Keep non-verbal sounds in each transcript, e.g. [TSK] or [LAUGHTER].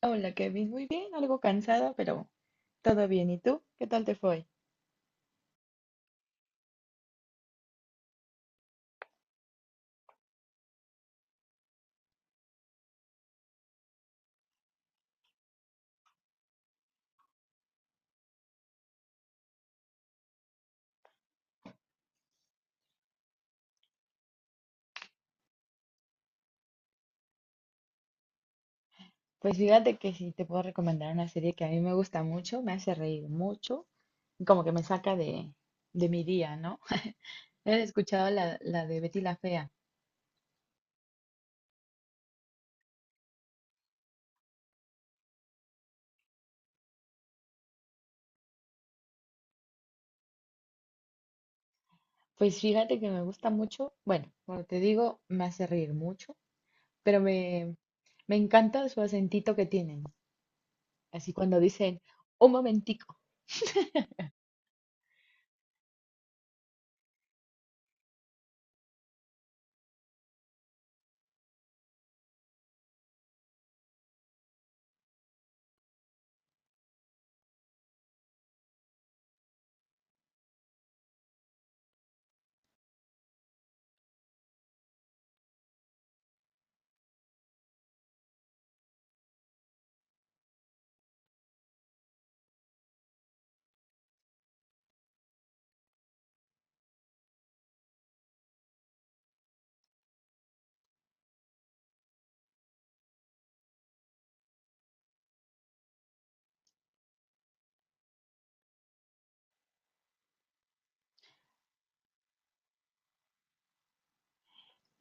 Hola Kevin, muy bien, algo cansada, pero todo bien. ¿Y tú? ¿Qué tal te fue? Pues fíjate que sí, te puedo recomendar una serie que a mí me gusta mucho, me hace reír mucho, y como que me saca de mi día, ¿no? [LAUGHS] ¿Has escuchado la de Betty la Fea? Pues fíjate que me gusta mucho, bueno, como te digo, me hace reír mucho, pero me encanta su acentito que tienen. Así cuando dicen, un momentico.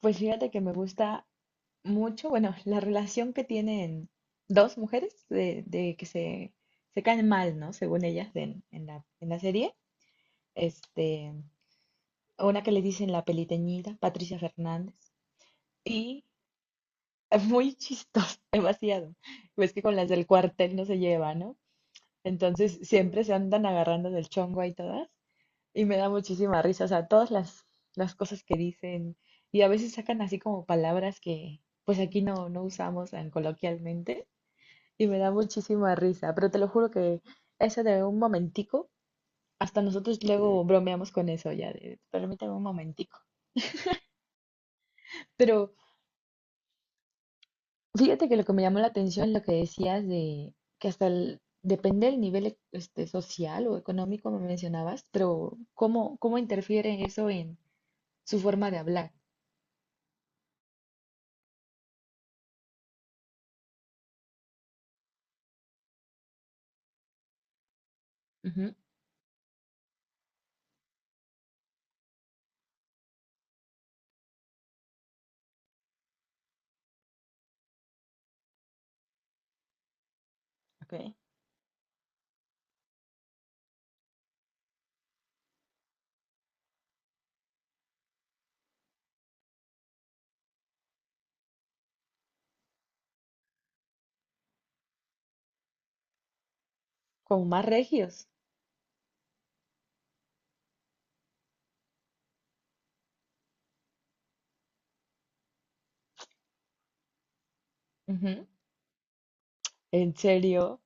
Pues fíjate que me gusta mucho, bueno, la relación que tienen dos mujeres de que se caen mal, ¿no? Según ellas en, en la serie. Este, una que le dicen la peliteñida, Patricia Fernández, y es muy chistoso, [LAUGHS] demasiado. Pues que con las del cuartel no se lleva, ¿no? Entonces siempre se andan agarrando del chongo ahí todas. Y me da muchísima risa, o sea, todas las cosas que dicen y a veces sacan así como palabras que pues aquí no usamos tan coloquialmente y me da muchísima risa, pero te lo juro que eso de un momentico, hasta nosotros luego bromeamos con eso ya, de, permítame un momentico. Pero fíjate que lo que me llamó la atención es lo que decías de que hasta depende del nivel, este, social o económico me mencionabas, pero ¿cómo, cómo interfiere eso en su forma de hablar? Ujú, ok. Como más regios. Ujú. ¿En serio?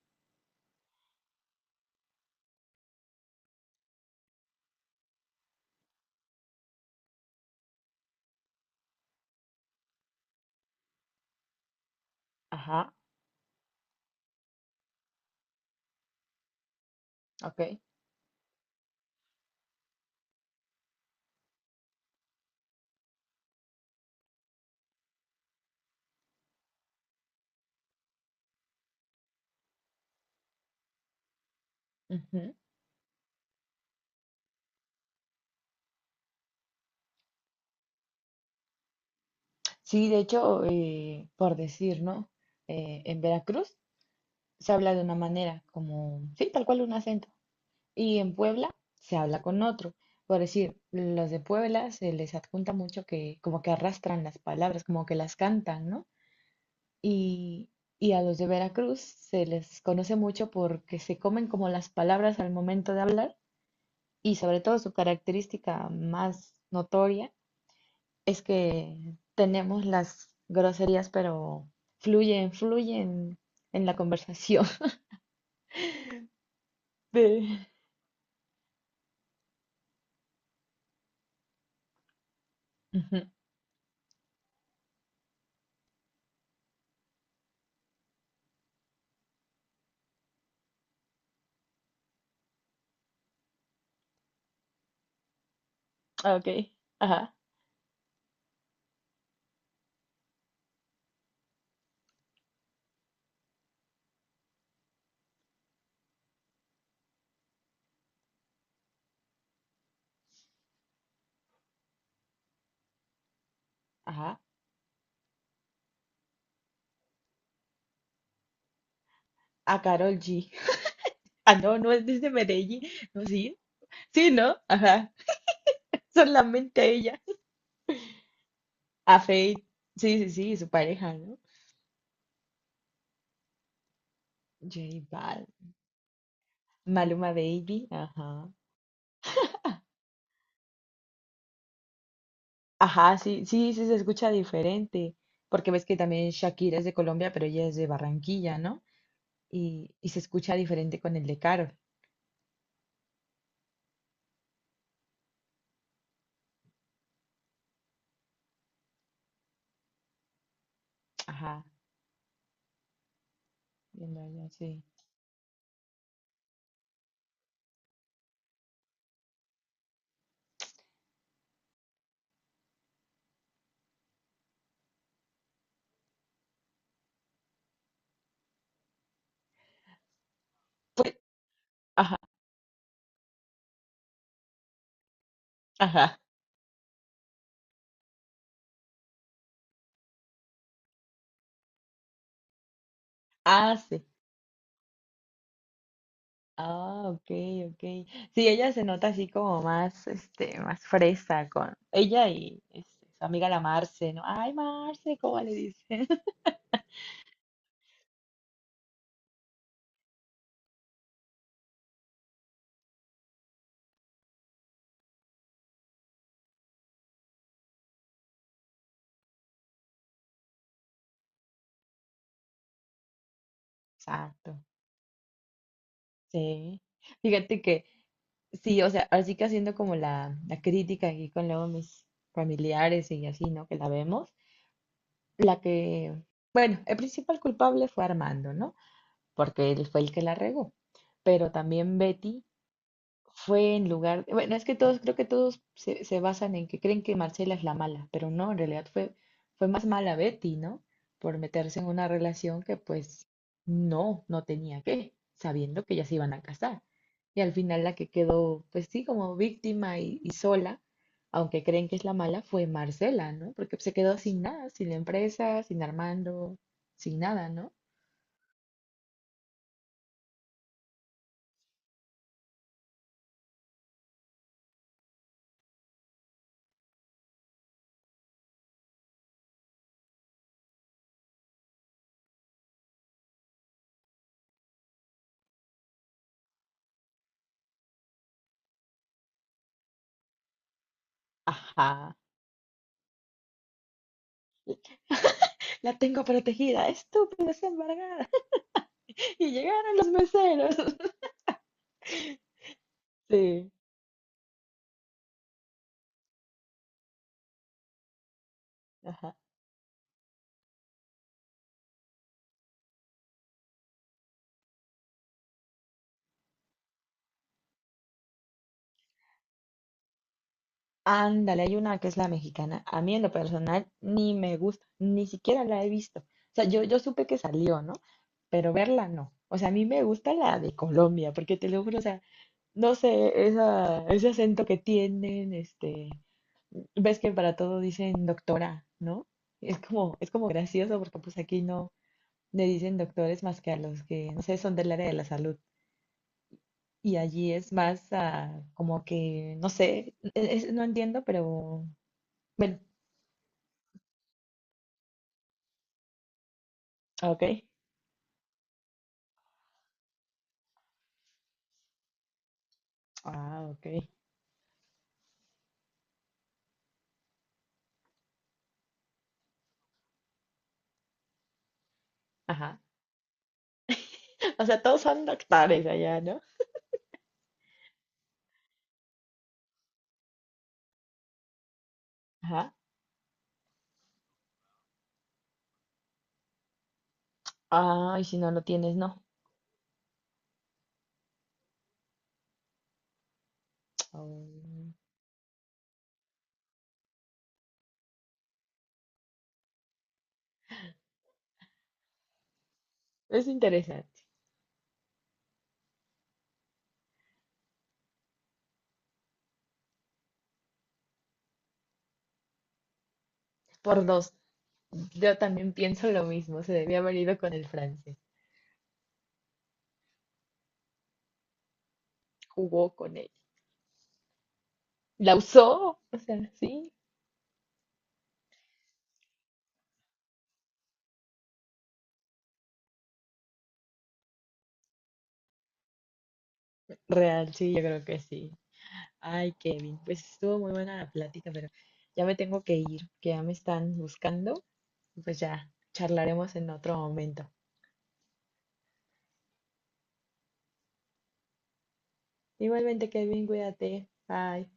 Ajá. Ok. Ujú. Sí, de hecho, por decir, ¿no? En Veracruz se habla de una manera, como, sí, tal cual un acento. Y en Puebla se habla con otro. Por decir, los de Puebla se les adjunta mucho que como que arrastran las palabras, como que las cantan, ¿no? Y, y a los de Veracruz se les conoce mucho porque se comen como las palabras al momento de hablar, y sobre todo su característica más notoria es que tenemos las groserías, pero fluyen, fluyen en la conversación. [LAUGHS] De... Ujú. Ah, ok, ajá, ajá. A Carol G. [LAUGHS] Ah, no, no es desde Medellín. No, sí. Sí, ¿no? Ajá. Solamente ella. A Faith. Sí, sí, sí, su pareja, ¿no? J Bal. Maluma Baby. Ajá. Ajá, sí, sí, sí se escucha diferente, porque ves que también Shakira es de Colombia, pero ella es de Barranquilla, ¿no? Y se escucha diferente con el de Caro. Ajá, viendo allá, sí. Pues, ajá, ajá. Ah, sí. Ah, ok, ok. Sí, ella se nota así como más, este, más fresa con ella y este, su amiga la Marce, ¿no? Ay, Marce, ¿cómo le dicen? [LAUGHS] Exacto. Sí. Fíjate que sí, o sea, así que haciendo como la crítica aquí con luego mis familiares y así, ¿no? Que la vemos. La que, bueno, el principal culpable fue Armando, ¿no? Porque él fue el que la regó. Pero también Betty fue en lugar, bueno, es que todos, creo que todos se basan en que creen que Marcela es la mala, pero no, en realidad fue, fue más mala Betty, ¿no? Por meterse en una relación que pues no tenía que, sabiendo que ya se iban a casar. Y al final la que quedó, pues sí, como víctima y sola, aunque creen que es la mala, fue Marcela, ¿no? Porque se quedó sin nada, sin la empresa, sin Armando, sin nada, ¿no? Ajá. [LAUGHS] La tengo protegida, estúpida, es embargada. Y llegaron los meseros. [LAUGHS] Sí, ajá. Ándale, hay una que es la mexicana. A mí en lo personal ni me gusta, ni siquiera la he visto. O sea, yo supe que salió, ¿no? Pero verla no. O sea, a mí me gusta la de Colombia, porque te lo juro, o sea, no sé, esa, ese acento que tienen, este, ves que para todo dicen doctora, ¿no? Es como gracioso porque pues aquí no le dicen doctores más que a los que, no sé, son del área de la salud. Y allí es más ah, como que, no sé, no entiendo, pero bueno, ok. Ah, ok. Ajá. [LAUGHS] O sea, todos son doctores allá, ¿no? Ajá. Ah, y si no lo tienes, no. [TSK] Oh, es interesante. Por dos. Yo también pienso lo mismo. Se debía haber ido con el francés. Jugó con él. La usó. O sea, sí. Real, sí, yo creo que sí. Ay, Kevin, pues estuvo muy buena la plática, pero ya me tengo que ir, que ya me están buscando. Pues ya charlaremos en otro momento. Igualmente, Kevin, cuídate. Bye.